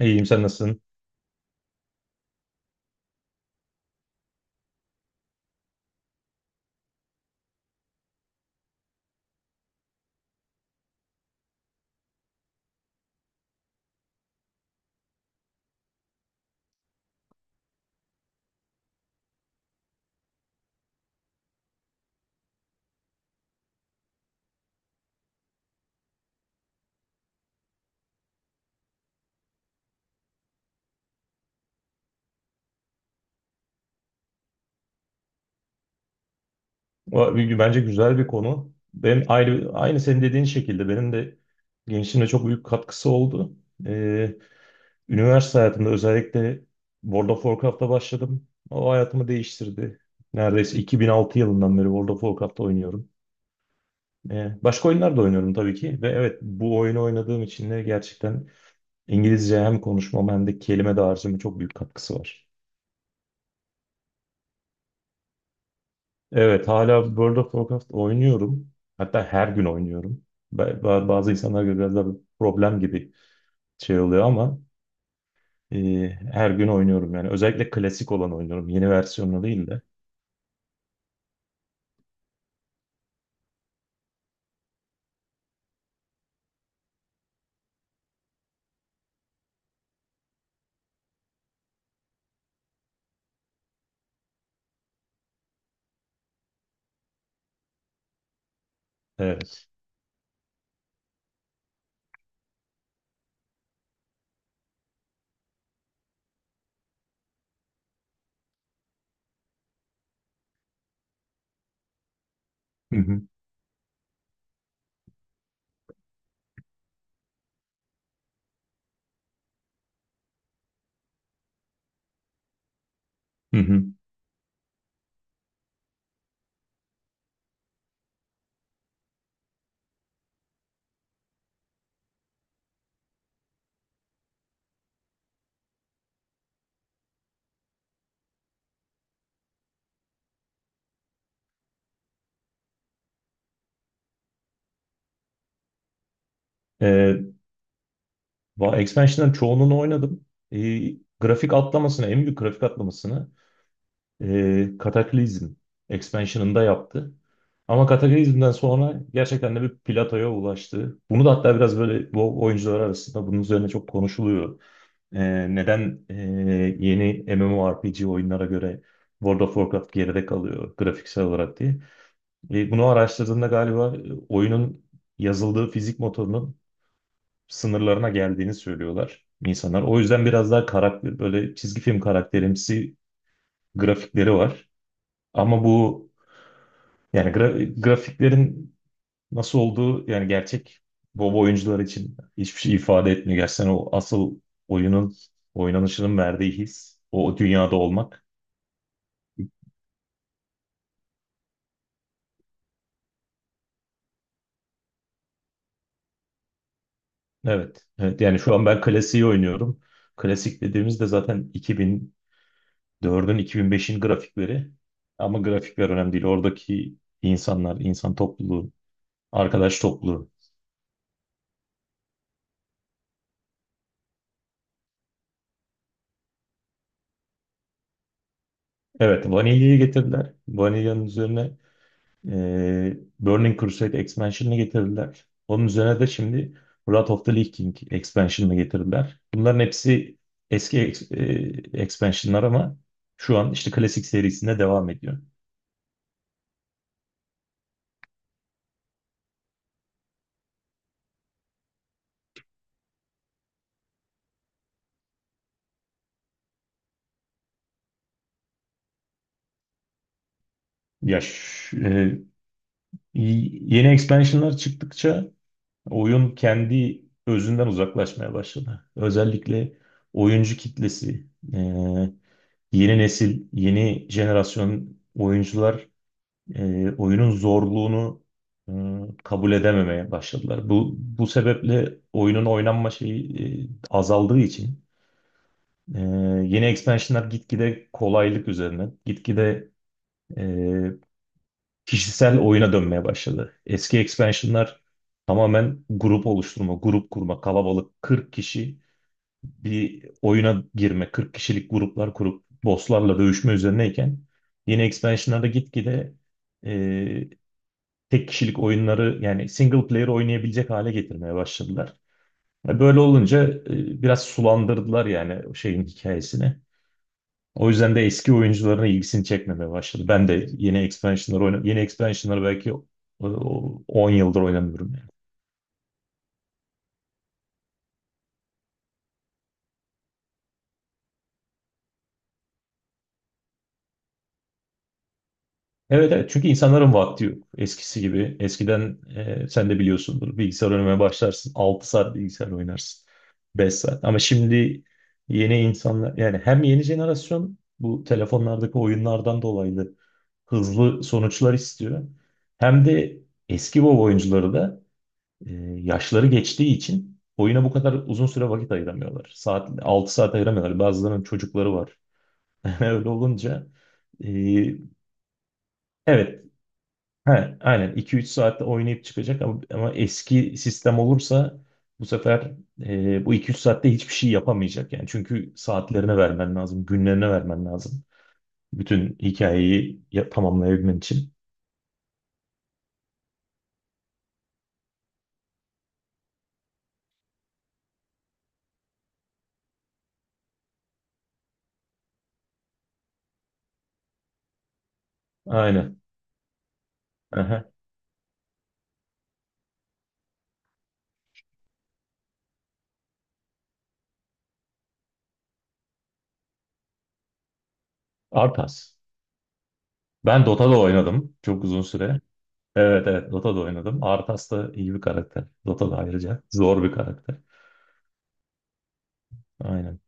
İyiyim, sen nasılsın? Bence güzel bir konu. Benim aynı senin dediğin şekilde benim de gençliğimde çok büyük katkısı oldu. Ee, Üniversite hayatımda özellikle World of Warcraft'ta başladım. O hayatımı değiştirdi. Neredeyse 2006 yılından beri World of Warcraft'ta oynuyorum. Başka oyunlar da oynuyorum tabii ki. Ve evet, bu oyunu oynadığım için de gerçekten İngilizce hem konuşmama hem de kelime dağarcığıma çok büyük katkısı var. Evet, hala World of Warcraft oynuyorum. Hatta her gün oynuyorum. Bazı insanlar göre biraz da problem gibi şey oluyor ama e, her gün oynuyorum yani. Özellikle klasik olan oynuyorum. Yeni versiyonunu değil de. Evet. Hı hı. Hı hı. E, Expansion'ların çoğunluğunu oynadım. Grafik atlamasını, en büyük grafik atlamasını, Cataclysm expansion'ında yaptı. Ama Cataclysm'den sonra gerçekten de bir platoya ulaştı. Bunu da hatta biraz böyle bu oyuncular arasında bunun üzerine çok konuşuluyor. Neden yeni MMORPG oyunlara göre World of Warcraft geride kalıyor grafiksel olarak diye. Bunu araştırdığında galiba oyunun yazıldığı fizik motorunun sınırlarına geldiğini söylüyorlar insanlar. O yüzden biraz daha karakter böyle çizgi film karakterimsi grafikleri var. Ama bu yani grafiklerin nasıl olduğu yani gerçek baba oyuncular için hiçbir şey ifade etmiyor. Gerçekten o asıl oyunun oynanışının verdiği his o dünyada olmak. Evet. Evet yani şu an ben klasiği oynuyorum. Klasik dediğimizde zaten iki bin 4'ün, 2005'in grafikleri. Ama grafikler önemli değil. Oradaki insanlar, insan topluluğu, arkadaş topluluğu. Evet, Vanilla'yı getirdiler. Vanilla'nın üzerine Burning Crusade expansion'ını getirdiler. Onun üzerine de şimdi Wrath of the Lich King expansion'ını getirdiler. Bunların hepsi eski expansion'lar ama şu an işte klasik serisinde devam ediyor. Ya y- yeni expansion'lar çıktıkça oyun kendi özünden uzaklaşmaya başladı. Özellikle oyuncu kitlesi, e, yeni nesil, yeni jenerasyon oyuncular oyunun zorluğunu e, kabul edememeye başladılar. Bu sebeple oyunun oynanma şeyi azaldığı için, e, yeni expansionlar gitgide kolaylık üzerine, gitgide e, kişisel oyuna dönmeye başladı. Eski expansionlar tamamen grup oluşturma, grup kurma, kalabalık 40 kişi bir oyuna girme, 40 kişilik gruplar kurup bosslarla dövüşme üzerineyken yeni expansionlarda gitgide e, tek kişilik oyunları yani single player oynayabilecek hale getirmeye başladılar. Böyle olunca biraz sulandırdılar yani şeyin hikayesini. O yüzden de eski oyuncuların ilgisini çekmemeye başladı. Ben de yeni expansion'ları oynadım. Yeni expansion'ları belki e, 10 yıldır oynamıyorum yani. Evet, evet, çünkü insanların vakti yok. Eskisi gibi. Eskiden sen de biliyorsundur, bilgisayar oynamaya başlarsın. Altı saat bilgisayar oynarsın. Beş saat. Ama şimdi yeni insanlar yani, hem yeni jenerasyon bu telefonlardaki oyunlardan dolayı da hızlı sonuçlar istiyor. Hem de eski WoW oyuncuları da yaşları geçtiği için oyuna bu kadar uzun süre vakit ayıramıyorlar. Altı saat ayıramıyorlar. Bazılarının çocukları var. Öyle olunca e, evet, he, aynen iki üç saatte oynayıp çıkacak ama, eski sistem olursa bu sefer bu iki üç saatte hiçbir şey yapamayacak yani. Çünkü saatlerine vermen lazım, günlerine vermen lazım. Bütün hikayeyi tamamlayabilmen için. Aynen. Aha. Arpas. Ben Dota'da oynadım çok uzun süre. Evet, evet, Dota'da oynadım. Arthas da iyi bir karakter. Dota da ayrıca zor bir karakter. Aynen.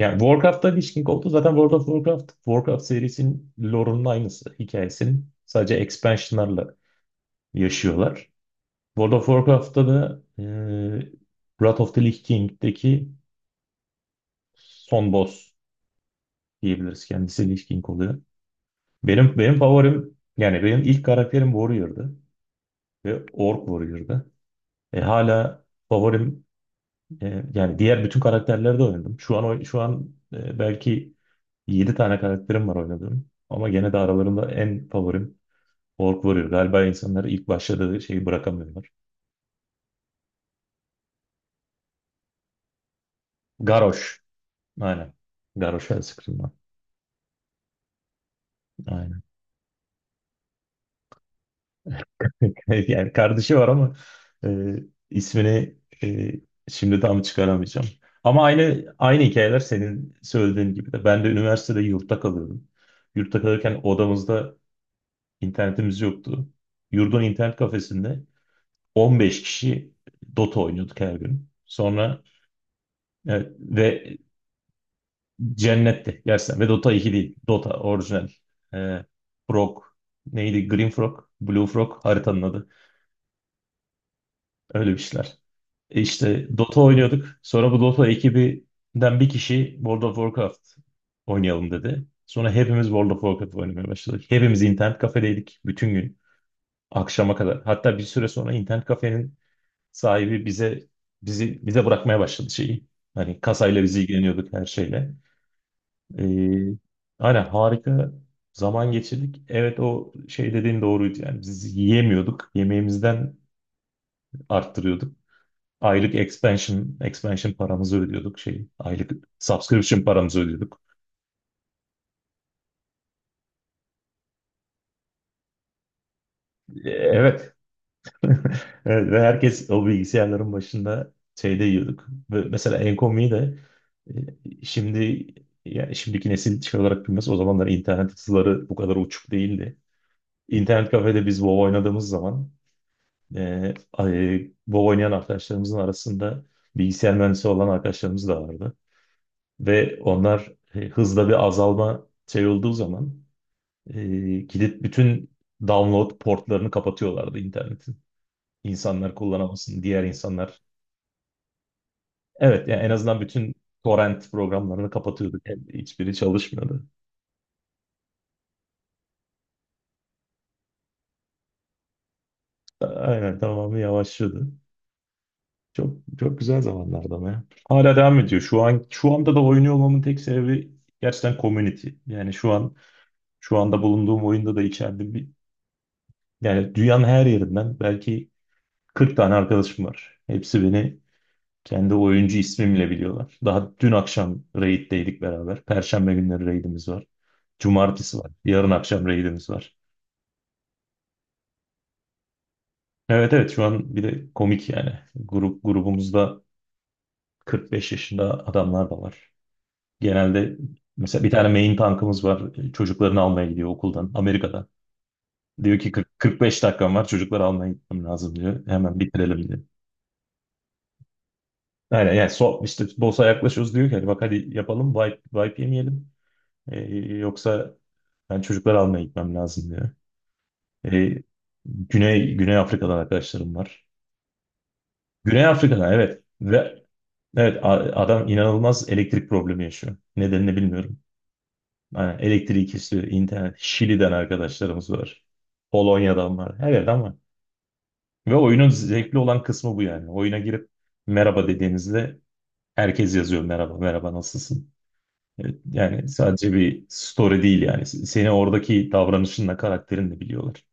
Yani Warcraft'ta Lich King oldu. Zaten World of Warcraft, Warcraft serisinin lore'unun aynısı. Hikayesinin sadece expansion'larla yaşıyorlar. World of Warcraft'ta da Wrath of the Lich King'deki son boss diyebiliriz. Kendisi Lich King oluyor. Benim favorim yani, benim ilk karakterim Warrior'dı ve Orc Warrior'dı. Hala favorim. Yani diğer bütün karakterleri de oynadım. Şu an belki 7 tane karakterim var oynadığım. Ama gene de aralarında en favorim Orc Warrior. Galiba insanları ilk başladığı şeyi bırakamıyorlar. Garrosh. Aynen. Garrosh Hellscream var. Aynen. Yani kardeşi var ama e, ismini e, şimdi tam çıkaramayacağım. Ama aynı hikayeler senin söylediğin gibi de. Ben de üniversitede yurtta kalıyordum. Yurtta kalırken odamızda İnternetimiz yoktu. Yurdun internet kafesinde 15 kişi Dota oynuyorduk her gün. Sonra evet, ve cennette gerçekten, ve Dota iki değil. Dota orijinal. Ee, Frog neydi? Green Frog, Blue Frog haritanın adı. Öyle bir şeyler. İşte Dota oynuyorduk. Sonra bu Dota ekibinden bir kişi World of Warcraft oynayalım dedi. Sonra hepimiz World of Warcraft oynamaya başladık. Hepimiz internet kafedeydik bütün gün akşama kadar. Hatta bir süre sonra internet kafenin sahibi bizi bize bırakmaya başladı şeyi. Hani kasayla bizi ilgileniyorduk her şeyle. Ee, aynen, harika zaman geçirdik. Evet, o şey dediğin doğruydu yani, biz yiyemiyorduk. Yemeğimizden arttırıyorduk. Aylık expansion paramızı ödüyorduk şey. Aylık subscription paramızı ödüyorduk. Evet. Evet, ve herkes o bilgisayarların başında şeyde yiyorduk. Ve mesela Enkomy'yi de şimdi yani şimdiki nesil şey olarak bilmez. O zamanlar internet hızları bu kadar uçuk değildi. İnternet kafede biz WoW oynadığımız zaman, WoW oynayan arkadaşlarımızın arasında bilgisayar mühendisi olan arkadaşlarımız da vardı. Ve onlar hızla bir azalma şey olduğu zaman, e, gidip bütün download portlarını kapatıyorlardı internetin. İnsanlar kullanamasın, diğer insanlar. Evet, yani en azından bütün torrent programlarını kapatıyorduk. Yani hiçbiri çalışmıyordu. Aynen, tamamı yavaşlıyordu. Çok çok güzel zamanlardı ama ya. Hala devam ediyor. Şu anda da oynuyor olmamın tek sebebi gerçekten community. Yani şu anda bulunduğum oyunda da içeride bir yani dünyanın her yerinden belki 40 tane arkadaşım var. Hepsi beni kendi oyuncu ismimle biliyorlar. Daha dün akşam raid'deydik beraber. Perşembe günleri raid'imiz var. Cumartesi var. Yarın akşam raid'imiz var. Evet, evet, şu an bir de komik yani. Grubumuzda 45 yaşında adamlar da var. Genelde mesela bir tane main tankımız var. Çocuklarını almaya gidiyor okuldan Amerika'da. Diyor ki 40, 45 dakikam var, çocukları almaya gitmem lazım diyor. Hemen bitirelim diyor. Aynen yani so, işte BOS'a yaklaşıyoruz, diyor ki hadi bak, hadi yapalım, wipe yemeyelim. Ee, Yoksa ben çocukları almaya gitmem lazım diyor. Ee, Güney Afrika'dan arkadaşlarım var. Güney Afrika'dan evet. Ve evet, adam inanılmaz elektrik problemi yaşıyor. Nedenini bilmiyorum. Aynen, elektriği kesiyor. İnternet. Şili'den arkadaşlarımız var. Polonya'dan var. Her yerden var. Ve oyunun zevkli olan kısmı bu yani. Oyuna girip merhaba dediğinizde, herkes yazıyor: merhaba, merhaba, nasılsın? Evet, yani sadece bir story değil yani. Seni oradaki davranışınla, karakterinle biliyorlar.